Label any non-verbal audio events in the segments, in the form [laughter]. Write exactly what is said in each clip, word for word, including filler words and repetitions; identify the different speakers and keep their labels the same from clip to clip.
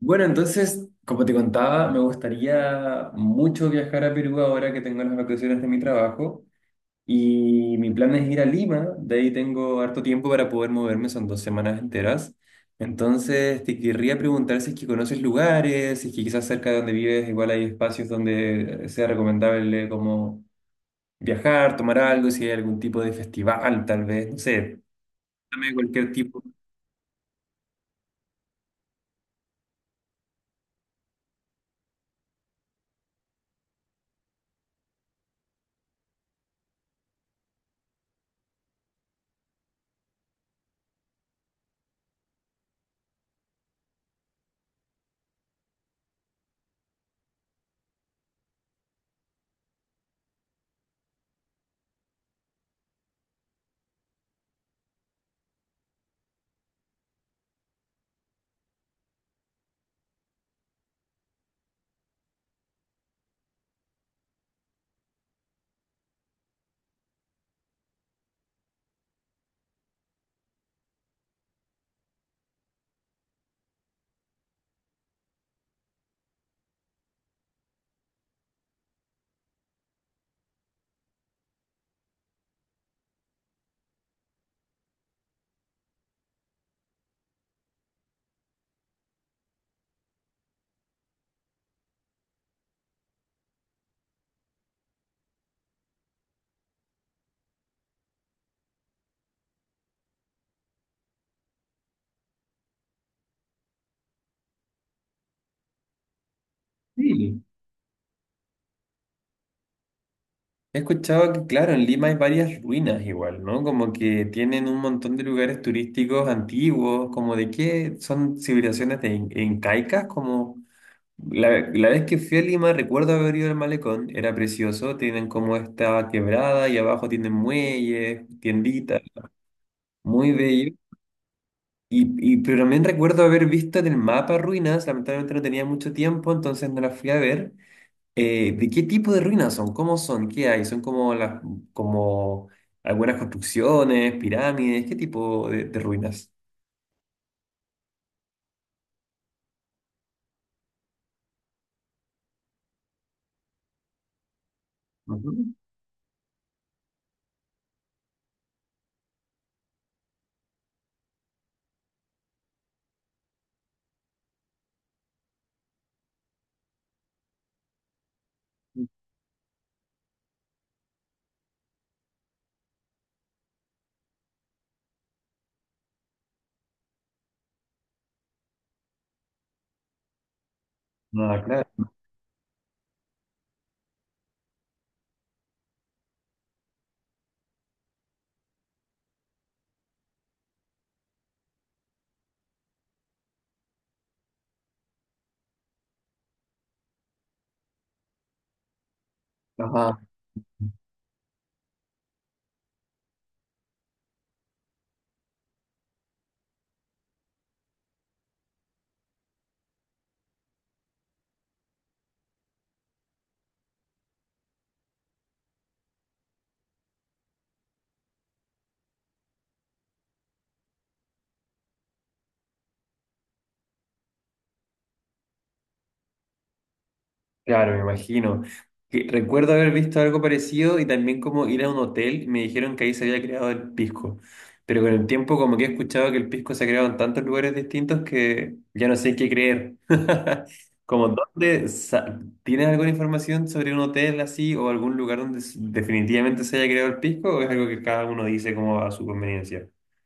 Speaker 1: Bueno, entonces, como te contaba, me gustaría mucho viajar a Perú ahora que tengo las vacaciones de mi trabajo y mi plan es ir a Lima, de ahí tengo harto tiempo para poder moverme, son dos semanas enteras. Entonces, te querría preguntar si es que conoces lugares, si es que quizás cerca de donde vives igual hay espacios donde sea recomendable como viajar, tomar algo, si hay algún tipo de festival, tal vez, no sé, dame cualquier tipo. Sí. He escuchado que, claro, en Lima hay varias ruinas igual, ¿no? Como que tienen un montón de lugares turísticos antiguos, como de qué son civilizaciones de in- incaicas, como la, la vez que fui a Lima recuerdo haber ido al malecón, era precioso, tienen como esta quebrada y abajo tienen muelles, tienditas, muy bello. Y, y, pero también recuerdo haber visto en el mapa ruinas, lamentablemente no tenía mucho tiempo, entonces no las fui a ver. Eh, ¿de qué tipo de ruinas son? ¿Cómo son? ¿Qué hay? ¿Son como las, como algunas construcciones, pirámides? ¿Qué tipo de, de ruinas? Ujú. Ah, claro. Claro, me imagino. Que recuerdo haber visto algo parecido y también como ir a un hotel y me dijeron que ahí se había creado el pisco. Pero con el tiempo como que he escuchado que el pisco se ha creado en tantos lugares distintos que ya no sé qué creer. [laughs] Como dónde, sa- ¿tienes alguna información sobre un hotel así o algún lugar donde s- definitivamente se haya creado el pisco o es algo que cada uno dice como a su conveniencia? [laughs]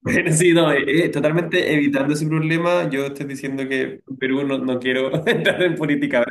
Speaker 1: Bueno, sí, no, eh, eh, totalmente evitando ese problema, yo estoy diciendo que en Perú no, no quiero [laughs] entrar en política.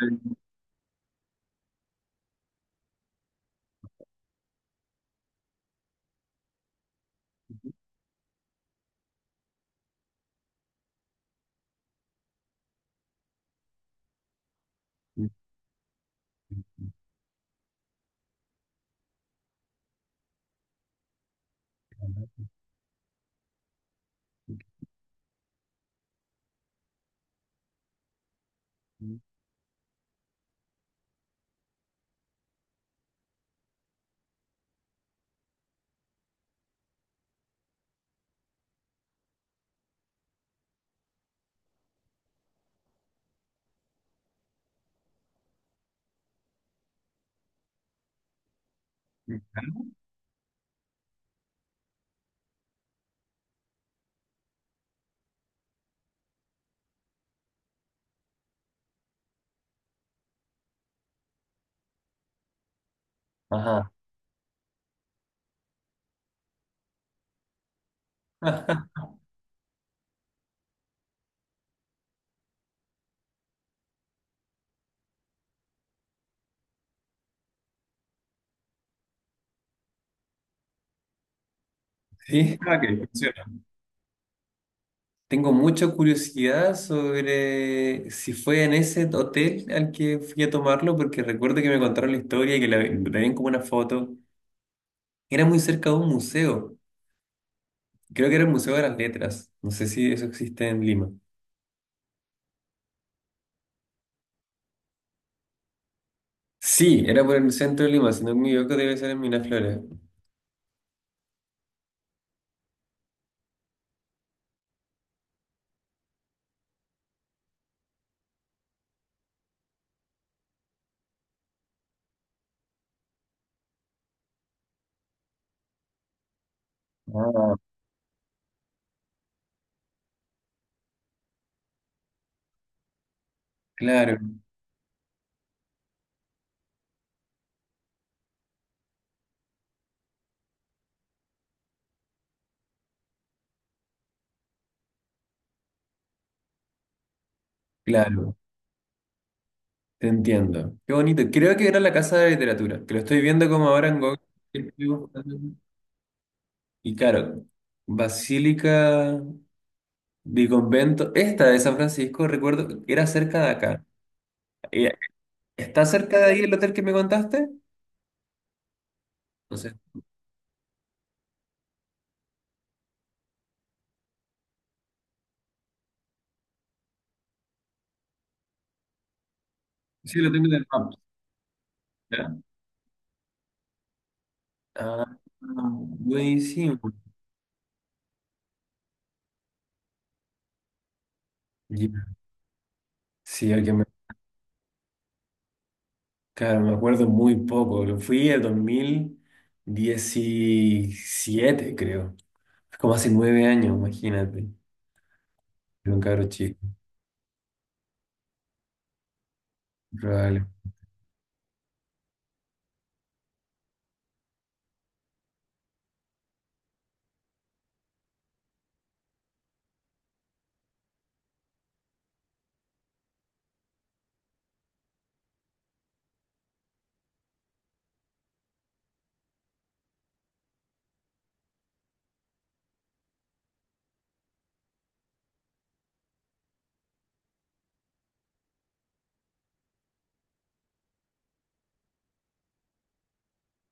Speaker 1: Ajá. [laughs] Sí. Ah, funciona. Tengo mucha curiosidad sobre si fue en ese hotel al que fui a tomarlo, porque recuerdo que me contaron la historia y que la tenían como una foto. Era muy cerca de un museo. Creo que era el Museo de las Letras. No sé si eso existe en Lima. Sí, era por el centro de Lima, si no me equivoco, debe ser en Miraflores. Ah, claro, claro, te entiendo. Qué bonito. Creo que era la Casa de Literatura, que lo estoy viendo como ahora en Google. Y claro, Basílica de convento esta de San Francisco, recuerdo, era cerca de acá. Eh, ¿Está cerca de ahí el hotel que me contaste? No sé. Sí, lo tengo en el mapa. ¿Ya? Ah, buenísimo. Ya. Sí, el que me, claro, me acuerdo muy poco. Lo fui en dos mil diecisiete creo. Es como hace nueve años, imagínate. Era un cabro chico. Probable.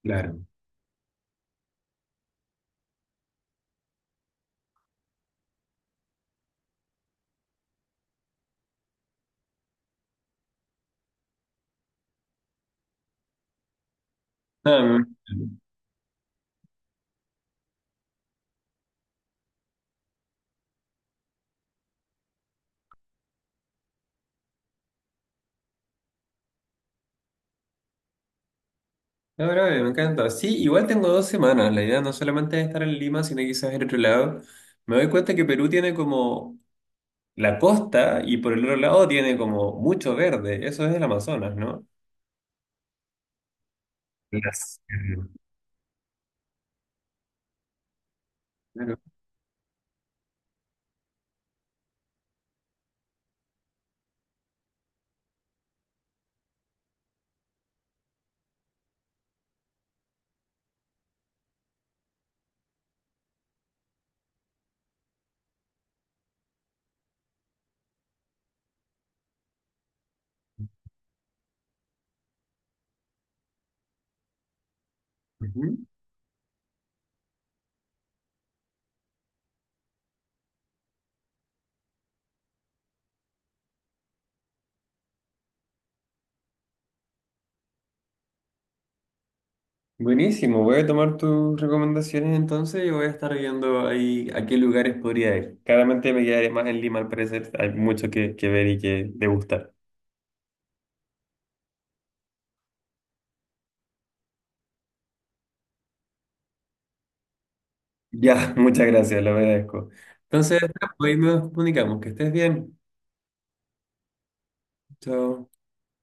Speaker 1: Claro. Ah, no, bro, me encanta. Sí, igual tengo dos semanas. La idea no solamente es estar en Lima, sino quizás en otro lado. Me doy cuenta que Perú tiene como la costa y por el otro lado tiene como mucho verde. Eso es el Amazonas, ¿no? Las- claro. Ujú. Buenísimo. Voy a tomar tus recomendaciones entonces y voy a estar viendo ahí a qué lugares podría ir. Claramente me quedaré más en Lima, al parecer. Hay mucho que, que ver y que degustar. Ya, [laughs] muchas gracias, lo agradezco. Entonces, hoy nos comunicamos. Que estés bien. Chao.